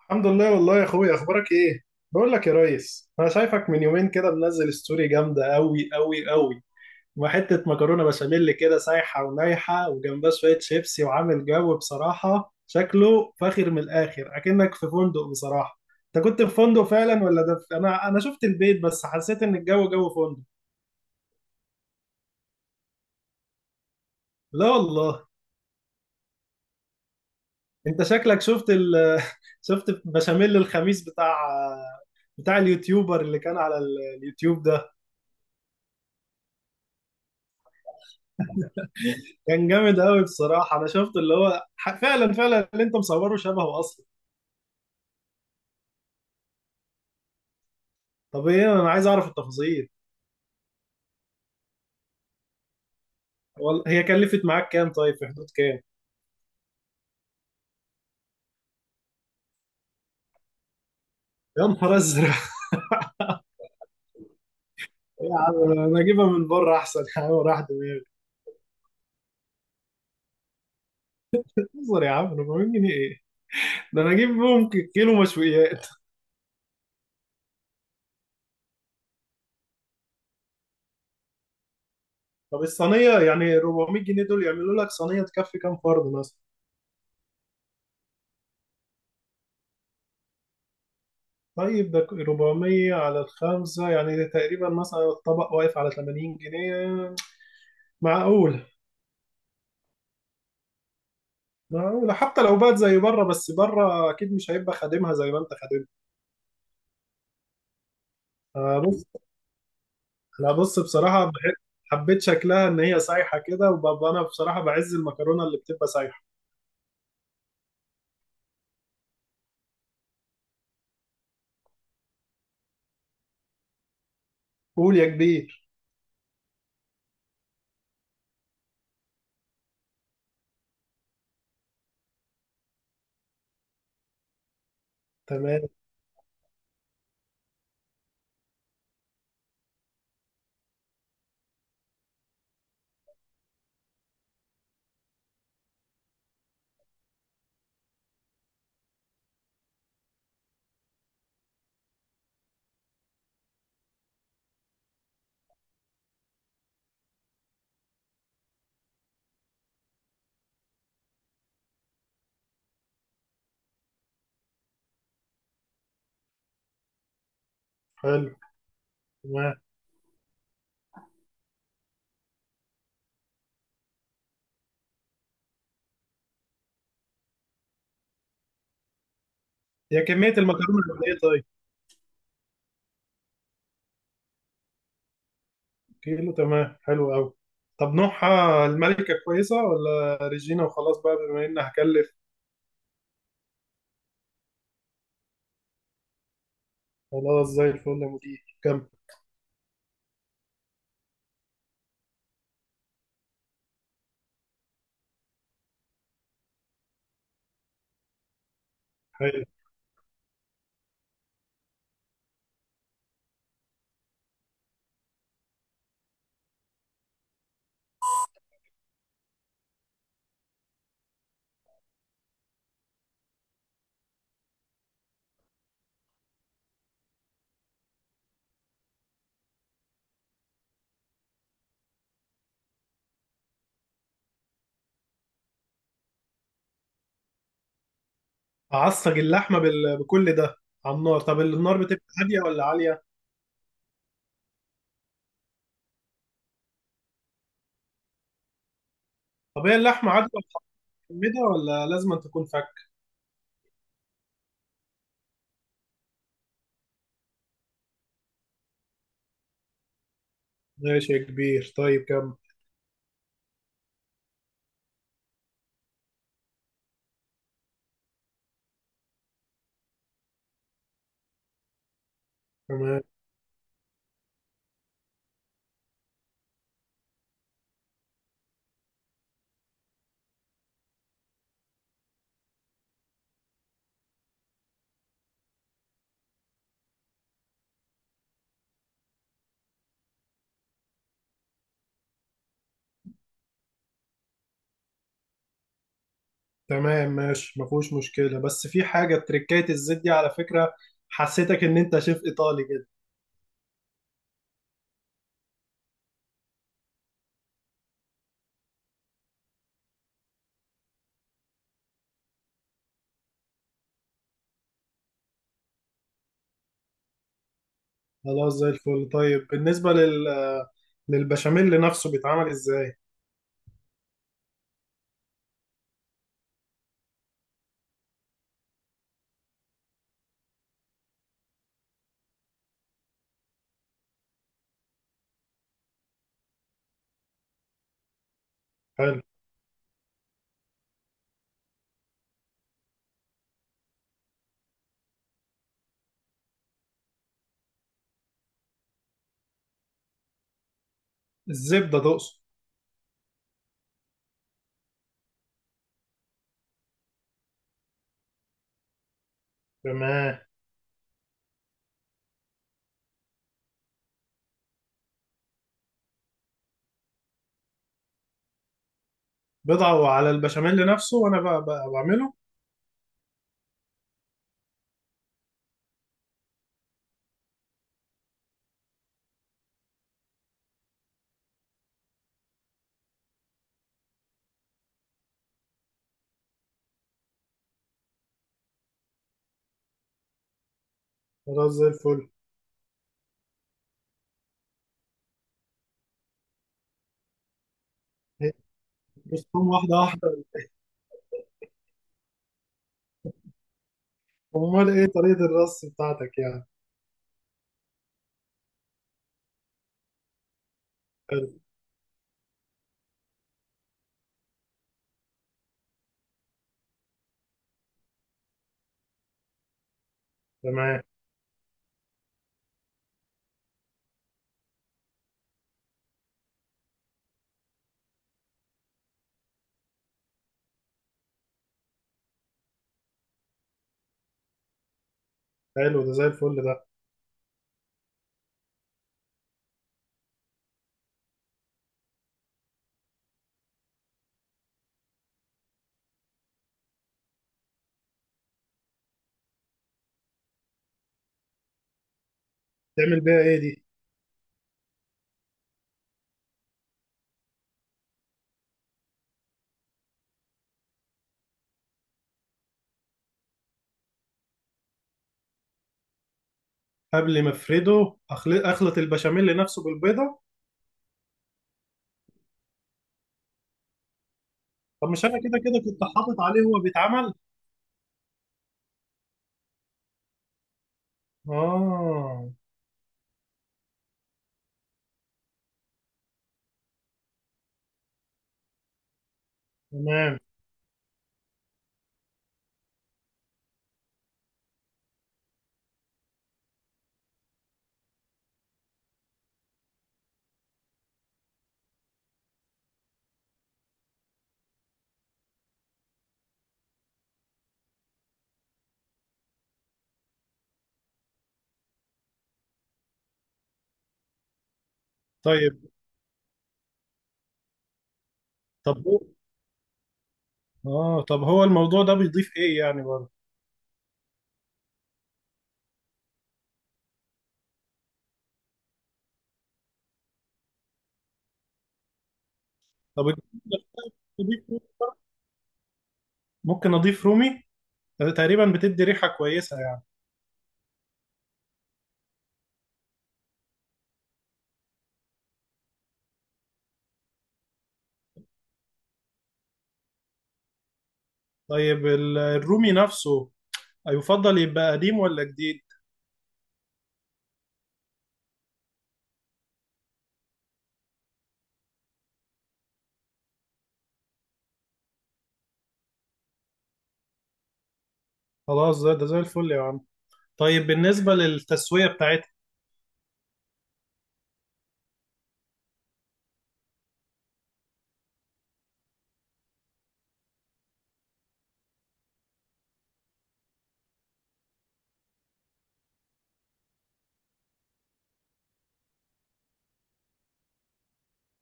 الحمد لله والله يا اخويا اخبارك ايه؟ بقول لك يا ريس انا شايفك من يومين كده منزل ستوري جامده قوي قوي قوي. وحته مكرونه بشاميل كده سايحه ونايحه وجنبها شويه شيبسي وعامل جو بصراحه شكله فاخر من الاخر اكنك في فندق بصراحه. انت كنت في فندق فعلا ولا ده انا شفت البيت بس حسيت ان الجو جو فندق. لا والله. انت شكلك شفت شفت بشاميل الخميس بتاع بتاع اليوتيوبر اللي كان على اليوتيوب ده. كان جامد قوي بصراحه، انا شفت اللي هو فعلا فعلا اللي انت مصوره شبهه اصلا. طب ايه، انا عايز اعرف التفاصيل. هي كلفت معاك كام؟ طيب في حدود كام؟ يا نهار ازرق! يا عم انا اجيبها من بره احسن، يا عم راح دماغي. انظر يا عم، 400 جنيه ايه! ده انا اجيب بيهم كيلو مشويات. طب الصينيه يعني 400 جنيه دول يعملوا لك صينيه تكفي كام فرد مثلا؟ طيب ده 400 على الخمسة يعني تقريبا مثلا الطبق واقف على 80 جنيه، معقول؟ ما هو حتى لو بقت زي بره بس بره اكيد مش هيبقى خادمها زي ما انت خادمها. بص. انا بص بصراحه بحب، حبيت شكلها ان هي سايحه كده، وببقى انا بصراحه بعز المكرونه اللي بتبقى سايحه. قول يا كبير. تمام. حلو. تمام. هي كميه المكرونه قد ايه طيب؟ كيلو، تمام حلو قوي. طب نوعها الملكه كويسه ولا ريجينا، وخلاص بقى بما ان هكلف. خلاص زي الفل يا مدير. كم؟ حلو. اعصج اللحمه بكل ده على النار؟ طب النار بتبقى هاديه ولا عاليه؟ طب هي اللحمه عاديه ميدا ولا لازم أن تكون فك؟ ماشي يا كبير. طيب كم؟ تمام. تمام ماشي، ما فيهوش مشكلة، بس في حاجة تريكات الزيت دي على فكرة حسيتك إن أنت شيف إيطالي كده. خلاص زي الفل. طيب بالنسبة للبشاميل نفسه بيتعمل إزاي؟ حلو. الزبدة تقصد؟ تمام. بضعه على البشاميل نفسه وأنا بقى بعمله؟ خلاص زي الفل. هي- بص، قوم واحدة واحدة. أمال إيه طريقة الرص بتاعتك يعني؟ حلو. تمام. حلو ده، زي الفل ده. تعمل بيها إيه دي؟ قبل ما افرده اخلط البشاميل نفسه بالبيضه؟ طب مش انا كده كده كنت حاطط عليه وهو بيتعمل؟ اه. تمام. طيب. طب هو، اه، طب هو الموضوع ده بيضيف ايه يعني برضه؟ طب الجبنة، ممكن اضيف رومي؟ تقريبا بتدي ريحه كويسه يعني. طيب الرومي نفسه يفضل يبقى قديم ولا جديد؟ خلاص ده زي الفل يا عم. طيب بالنسبه للتسويه بتاعتها؟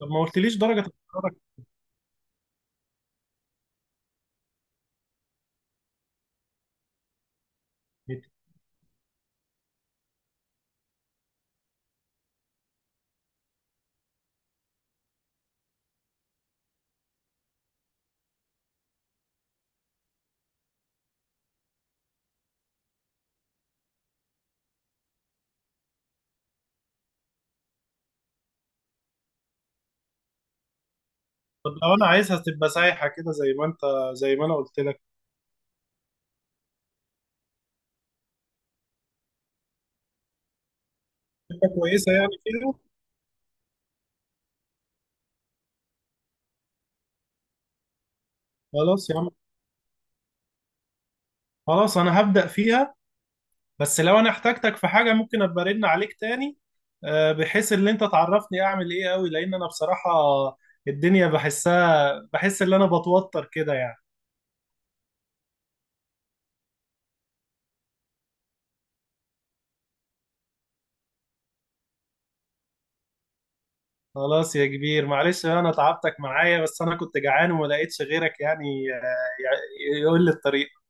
طب ما قلتليش درجه الحراره. طب لو انا عايزها تبقى سايحه كده زي ما انت، زي ما انا قلت لك، تبقى كويسه يعني فيها؟ خلاص يا عم، خلاص انا هبدأ فيها. بس لو انا احتاجتك في حاجه ممكن ابقى ارن عليك تاني؟ بحيث ان انت تعرفني اعمل ايه، قوي لان انا بصراحه الدنيا بحسها بحس ان انا بتوتر كده يعني. خلاص يا كبير، معلش بقى انا تعبتك معايا بس انا كنت جعان وما لقيتش غيرك يعني، يقول لي الطريق.